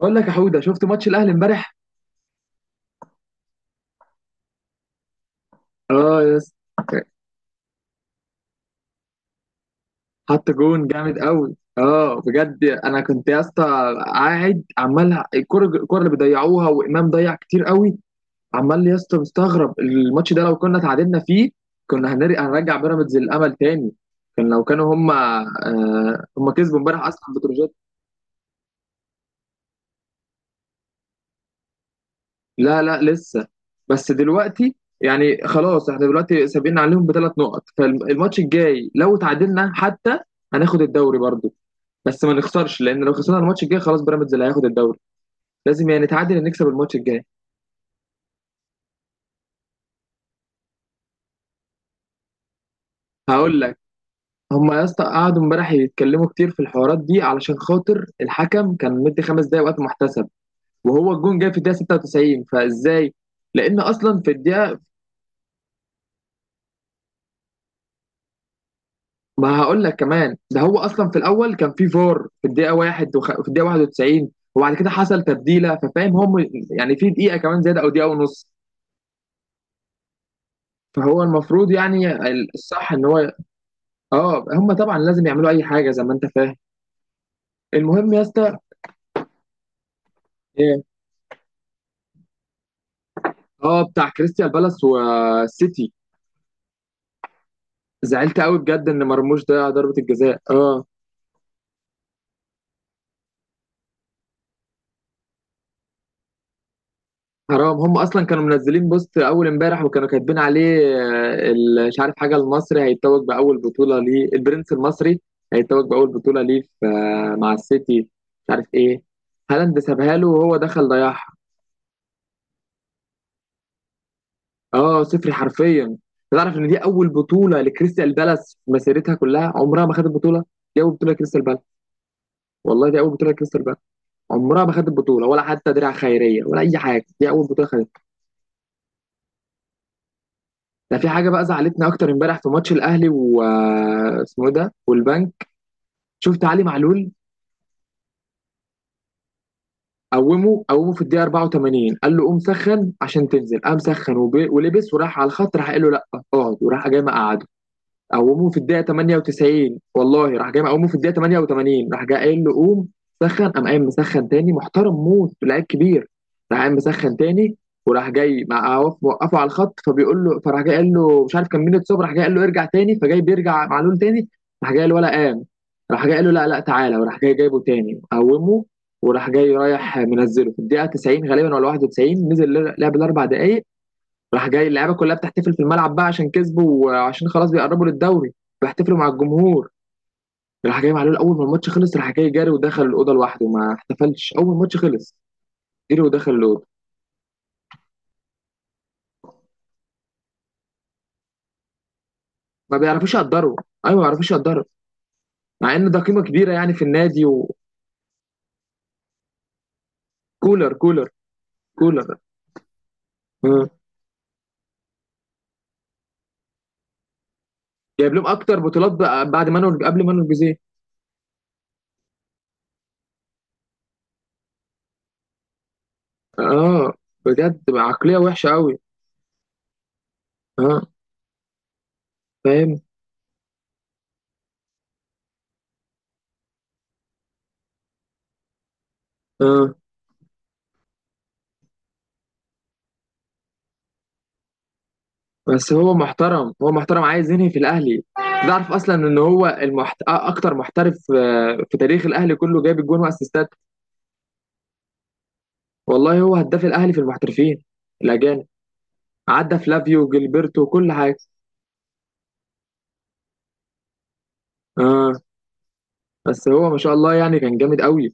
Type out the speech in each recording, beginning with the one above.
بقول لك يا حوده، شفت ماتش الاهلي امبارح. اه يا اسطى، حط جون جامد قوي. اه بجد انا كنت يا اسطى قاعد عمال الكره، الكره اللي بيضيعوها، وامام ضيع كتير قوي. عمال يا اسطى مستغرب الماتش ده، لو كنا تعادلنا فيه كنا هنرجع بيراميدز للامل تاني. كان لو كانوا هم هم كسبوا امبارح اصلا بتروجيت. لا، لا لسه، بس دلوقتي يعني خلاص احنا دلوقتي سابقين عليهم بثلاث نقط، فالماتش الجاي لو تعادلنا حتى هناخد الدوري برضه، بس ما نخسرش، لان لو خسرنا الماتش الجاي خلاص بيراميدز اللي هياخد الدوري، لازم يعني نتعادل، نكسب الماتش الجاي. هقول لك، هم يا اسطى قعدوا امبارح يتكلموا كتير في الحوارات دي علشان خاطر الحكم كان مدي خمس دقايق وقت محتسب، وهو الجون جاي في الدقيقه 96، فازاي؟ لان اصلا في الدقيقه، ما هقول لك كمان، ده هو اصلا في الاول كان في فار في الدقيقه واحد في الدقيقه 91، وبعد كده حصل تبديله، ففاهم هم يعني في دقيقه كمان زياده او دقيقه ونص، فهو المفروض يعني الصح ان هو، اه هم طبعا لازم يعملوا اي حاجه زي ما انت فاهم. المهم يا اسطى. ايه، اه بتاع كريستيال بالاس والسيتي. زعلت قوي بجد ان مرموش ضيع ضربه الجزاء اه. حرام، هم اصلا كانوا منزلين بوست اول امبارح وكانوا كاتبين عليه مش عارف حاجه، المصري هيتوج باول بطوله ليه، البرنس المصري هيتوج باول بطوله ليه مع السيتي، مش عارف ايه. هالاند سابها له وهو دخل ضيعها. اه صفري حرفيا. تعرف ان دي اول بطوله لكريستال بالاس في مسيرتها كلها، عمرها ما خدت بطوله. دي اول بطوله لكريستال بالاس. والله دي اول بطوله لكريستال بالاس. عمرها ما خدت بطوله ولا حتى درع خيريه ولا اي حاجه، دي اول بطوله خدتها. ده في حاجه بقى زعلتنا اكتر امبارح في ماتش الاهلي و اسمه إيه ده، والبنك. شفت علي معلول، قومه في الدقيقه 84، قال له قوم سخن عشان تنزل، قام سخن ولبس وراح على الخط، راح قال له لا اقعد، وراح جاي مقعده. قوموه في الدقيقة 98، والله راح جاي مقوموه في الدقيقة 88، راح جاي قايل له قوم سخن، قام قايم مسخن تاني، محترم موت، لعيب كبير. راح قايم مسخن تاني، وراح جاي مع وقفه على الخط، فبيقول له، فراح جاي قال له مش عارف كان مين اتصاب، راح جاي قال له ارجع تاني، فجاي بيرجع معلول تاني، راح جاي قال ولا قام، راح جاي قال له لا، لا تعالى، وراح جاي جايبه تاني قومه. وراح جاي رايح منزله في الدقيقة 90 غالبا ولا 91، نزل لعب الأربع دقايق. راح جاي اللعيبه كلها بتحتفل في الملعب بقى عشان كسبوا، وعشان خلاص بيقربوا للدوري، بيحتفلوا مع الجمهور. راح جاي معلول اول ما الماتش خلص، راح جاي جاري ودخل الاوضه لوحده، ما احتفلش اول ما الماتش خلص، جري ودخل الاوضه. ما بيعرفوش يقدروا. ايوه، ما بيعرفوش يقدروا، مع ان ده قيمه كبيره يعني في النادي. وكولر، كولر. آه. جايب لهم اكتر بطولات بقى بعد مانويل، قبل مانويل جوزيه. اه، بجد عقليه وحشه قوي. اه فاهم. اه بس هو محترم، هو عايز ينهي في الاهلي. تعرف اصلا ان هو اكتر محترف في تاريخ الاهلي كله جايب الجون واسيستات. والله هو هداف الاهلي في المحترفين الاجانب، عدى فلافيو وجilberto وكل حاجه. اه، بس هو ما شاء الله يعني كان جامد قوي.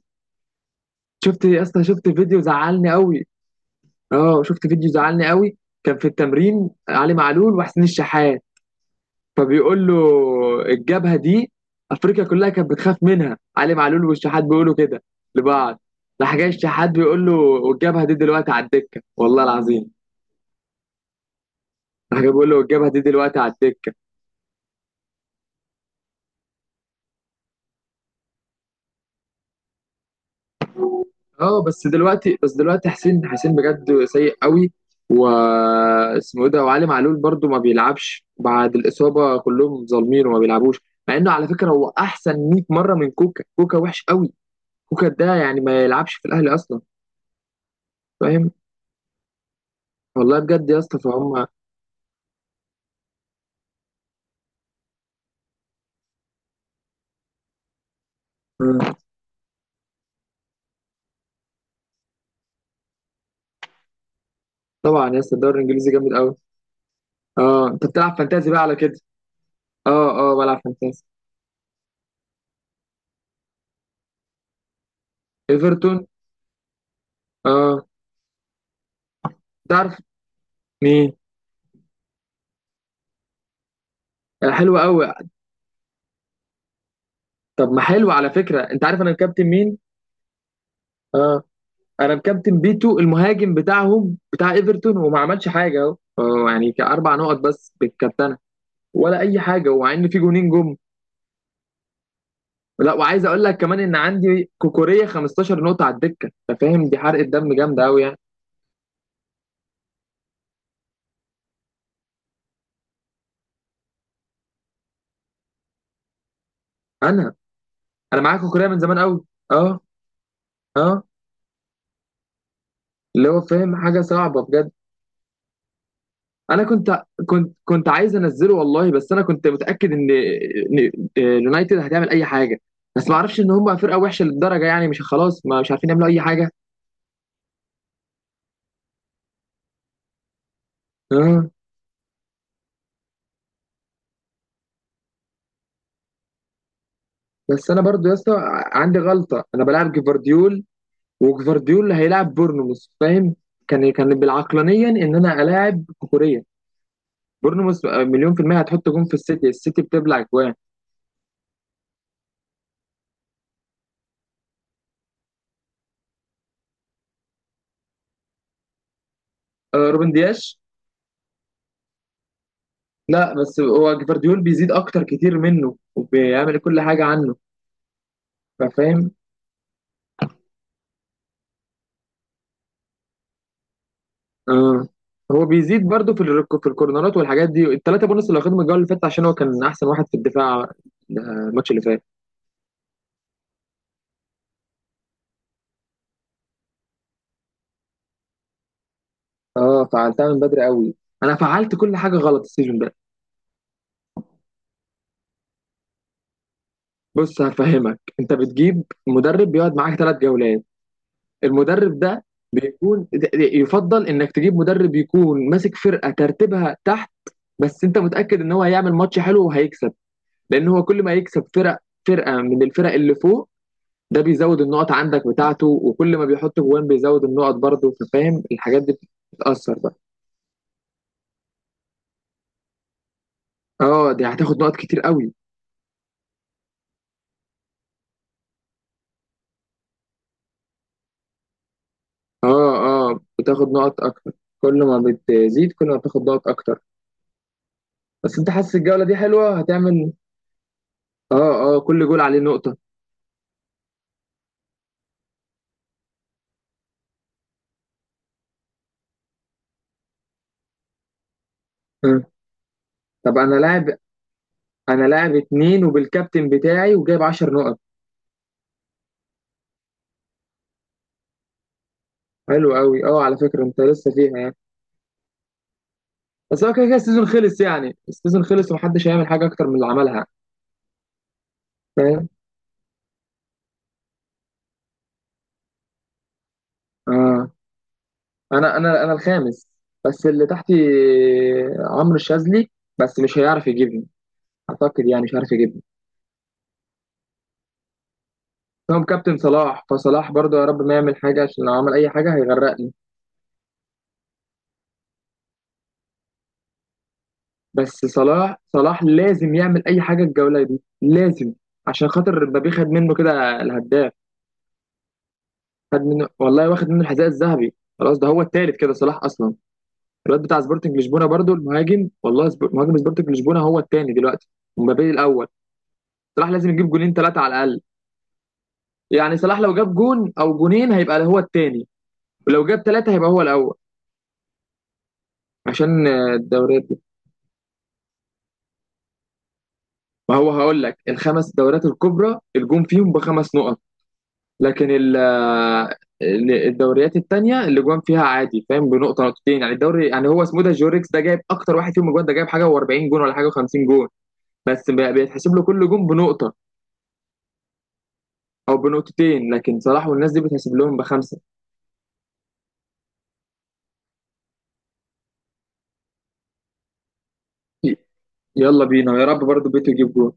شفت يا اسطى، شفت فيديو زعلني قوي. اه شفت فيديو زعلني قوي. كان في التمرين علي معلول وحسين الشحات، فبيقول له الجبهه دي، افريقيا كلها كانت بتخاف منها، علي معلول والشحات بيقولوا كده لبعض. راح جاي الشحات بيقول له، والجبهه دي دلوقتي على الدكه، والله العظيم راح جاي بيقول له والجبهه دي دلوقتي على الدكه. اه بس دلوقتي، بس دلوقتي حسين، حسين بجد سيء قوي، و اسمه إيه ده، وعلي معلول برضو ما بيلعبش بعد الاصابه، كلهم ظالمين وما بيلعبوش، مع انه على فكره هو احسن 100 مره من كوكا. كوكا وحش قوي، كوكا ده يعني ما يلعبش في الاهلي اصلا، فاهم. والله بجد يا اسطى فهم طبعا يا اسطى الدوري الانجليزي جامد قوي. اه انت بتلعب فانتازي بقى على كده. اه بلعب فانتازي. ايفرتون. اه تعرف مين؟ آه، حلو قوي. طب ما حلو، على فكره انت عارف انا مكابتن مين؟ اه انا مكابتن بيتو المهاجم بتاعهم، بتاع ايفرتون، وما عملش حاجه اهو، يعني كاربع نقط بس بالكابتنه. ولا اي حاجه، ومع ان في جونين جم. لا، وعايز اقول لك كمان ان عندي كوكوريه 15 نقطه على الدكه، انت فاهم دي حرقه دم جامده قوي يعني. انا انا معاك في كوريا من زمان قوي. اه، اه. اللي هو فاهم، حاجه صعبه بجد. انا كنت عايز انزله والله، بس انا كنت متاكد ان اليونايتد هتعمل اي حاجه، بس ما اعرفش ان هم فرقه وحشه للدرجه، يعني مش خلاص، ما مش عارفين يعملوا اي حاجه. اه، بس انا برضو يا اسطى عندي غلطه، انا بلعب جفارديول، وجفارديول هيلاعب بورنموث، فاهم. كان كان بالعقلانيا ان انا الاعب كوريا، بورنموث مليون في المية هتحط جون في السيتي، السيتي بتبلع جوان. آه، روبن دياش. لا بس هو جفارديول بيزيد اكتر كتير منه وبيعمل كل حاجه عنه، فاهم. اه هو بيزيد برضه في في الكورنرات والحاجات دي، الثلاثه بونص اللي واخدهم الجوله اللي فاتت، عشان هو كان احسن واحد في الدفاع، الماتش اللي فات. اه فعلتها من بدري قوي، انا فعلت كل حاجه غلط السيزون ده. بص هفهمك، انت بتجيب مدرب بيقعد معاك ثلاث جولات، المدرب ده بيكون يفضل انك تجيب مدرب يكون ماسك فرقه ترتيبها تحت، بس انت متاكد ان هو هيعمل ماتش حلو وهيكسب، لان هو كل ما يكسب فرق، فرقه من الفرق اللي فوق، ده بيزود النقط عندك بتاعته، وكل ما بيحط جوان بيزود النقط برضه، فاهم الحاجات دي بتتاثر بقى. اه دي هتاخد نقط كتير قوي. اه، اه بتاخد نقط اكتر، كل ما بتزيد كل ما بتاخد نقط اكتر، بس انت حاسس الجوله دي حلوه هتعمل. اه اه كل جول عليه نقطه. آه. طب انا لاعب، انا لاعب اتنين وبالكابتن بتاعي وجايب 10 نقط. حلو قوي، اه على فكره انت لسه فيها يعني. بس هو كده كده السيزون خلص، يعني السيزون خلص ومحدش هيعمل حاجه اكتر من اللي عملها. فاهم. اه انا الخامس، بس اللي تحتي عمرو الشاذلي، بس مش هيعرف يجيبني، اعتقد يعني مش هيعرف يجيبني. هم كابتن صلاح، فصلاح برضه يا رب ما يعمل حاجه، عشان لو عمل اي حاجه هيغرقني. بس صلاح لازم يعمل اي حاجه الجوله دي، لازم، عشان خاطر مبابي خد منه كده الهداف. خد منه والله، واخد منه الحذاء الذهبي خلاص، ده هو التالت كده صلاح اصلا. الواد بتاع سبورتنج لشبونه برضو، المهاجم، والله مهاجم سبورتنج لشبونه هو الثاني دلوقتي، ومبابي الاول. صلاح لازم يجيب جولين ثلاثه على الاقل، يعني صلاح لو جاب جون او جونين هيبقى هو الثاني، ولو جاب ثلاثه هيبقى هو الاول، عشان الدوريات دي. ما هو هقول لك، الخمس دوريات الكبرى الجون فيهم بخمس نقط، لكن الدوريات الثانيه اللي جوان فيها عادي، فاهم، بنقطه نقطتين، يعني الدوري يعني هو اسمه ده جوريكس، ده جايب اكتر واحد فيهم جوان، ده جايب حاجه و40 جون ولا حاجه و50 جون، بس بيتحسب له كل جون بنقطه او بنقطتين، لكن صلاح والناس دي بتحسب لهم بخمسه. يلا بينا، يا رب برضو بيتو يجيب جول.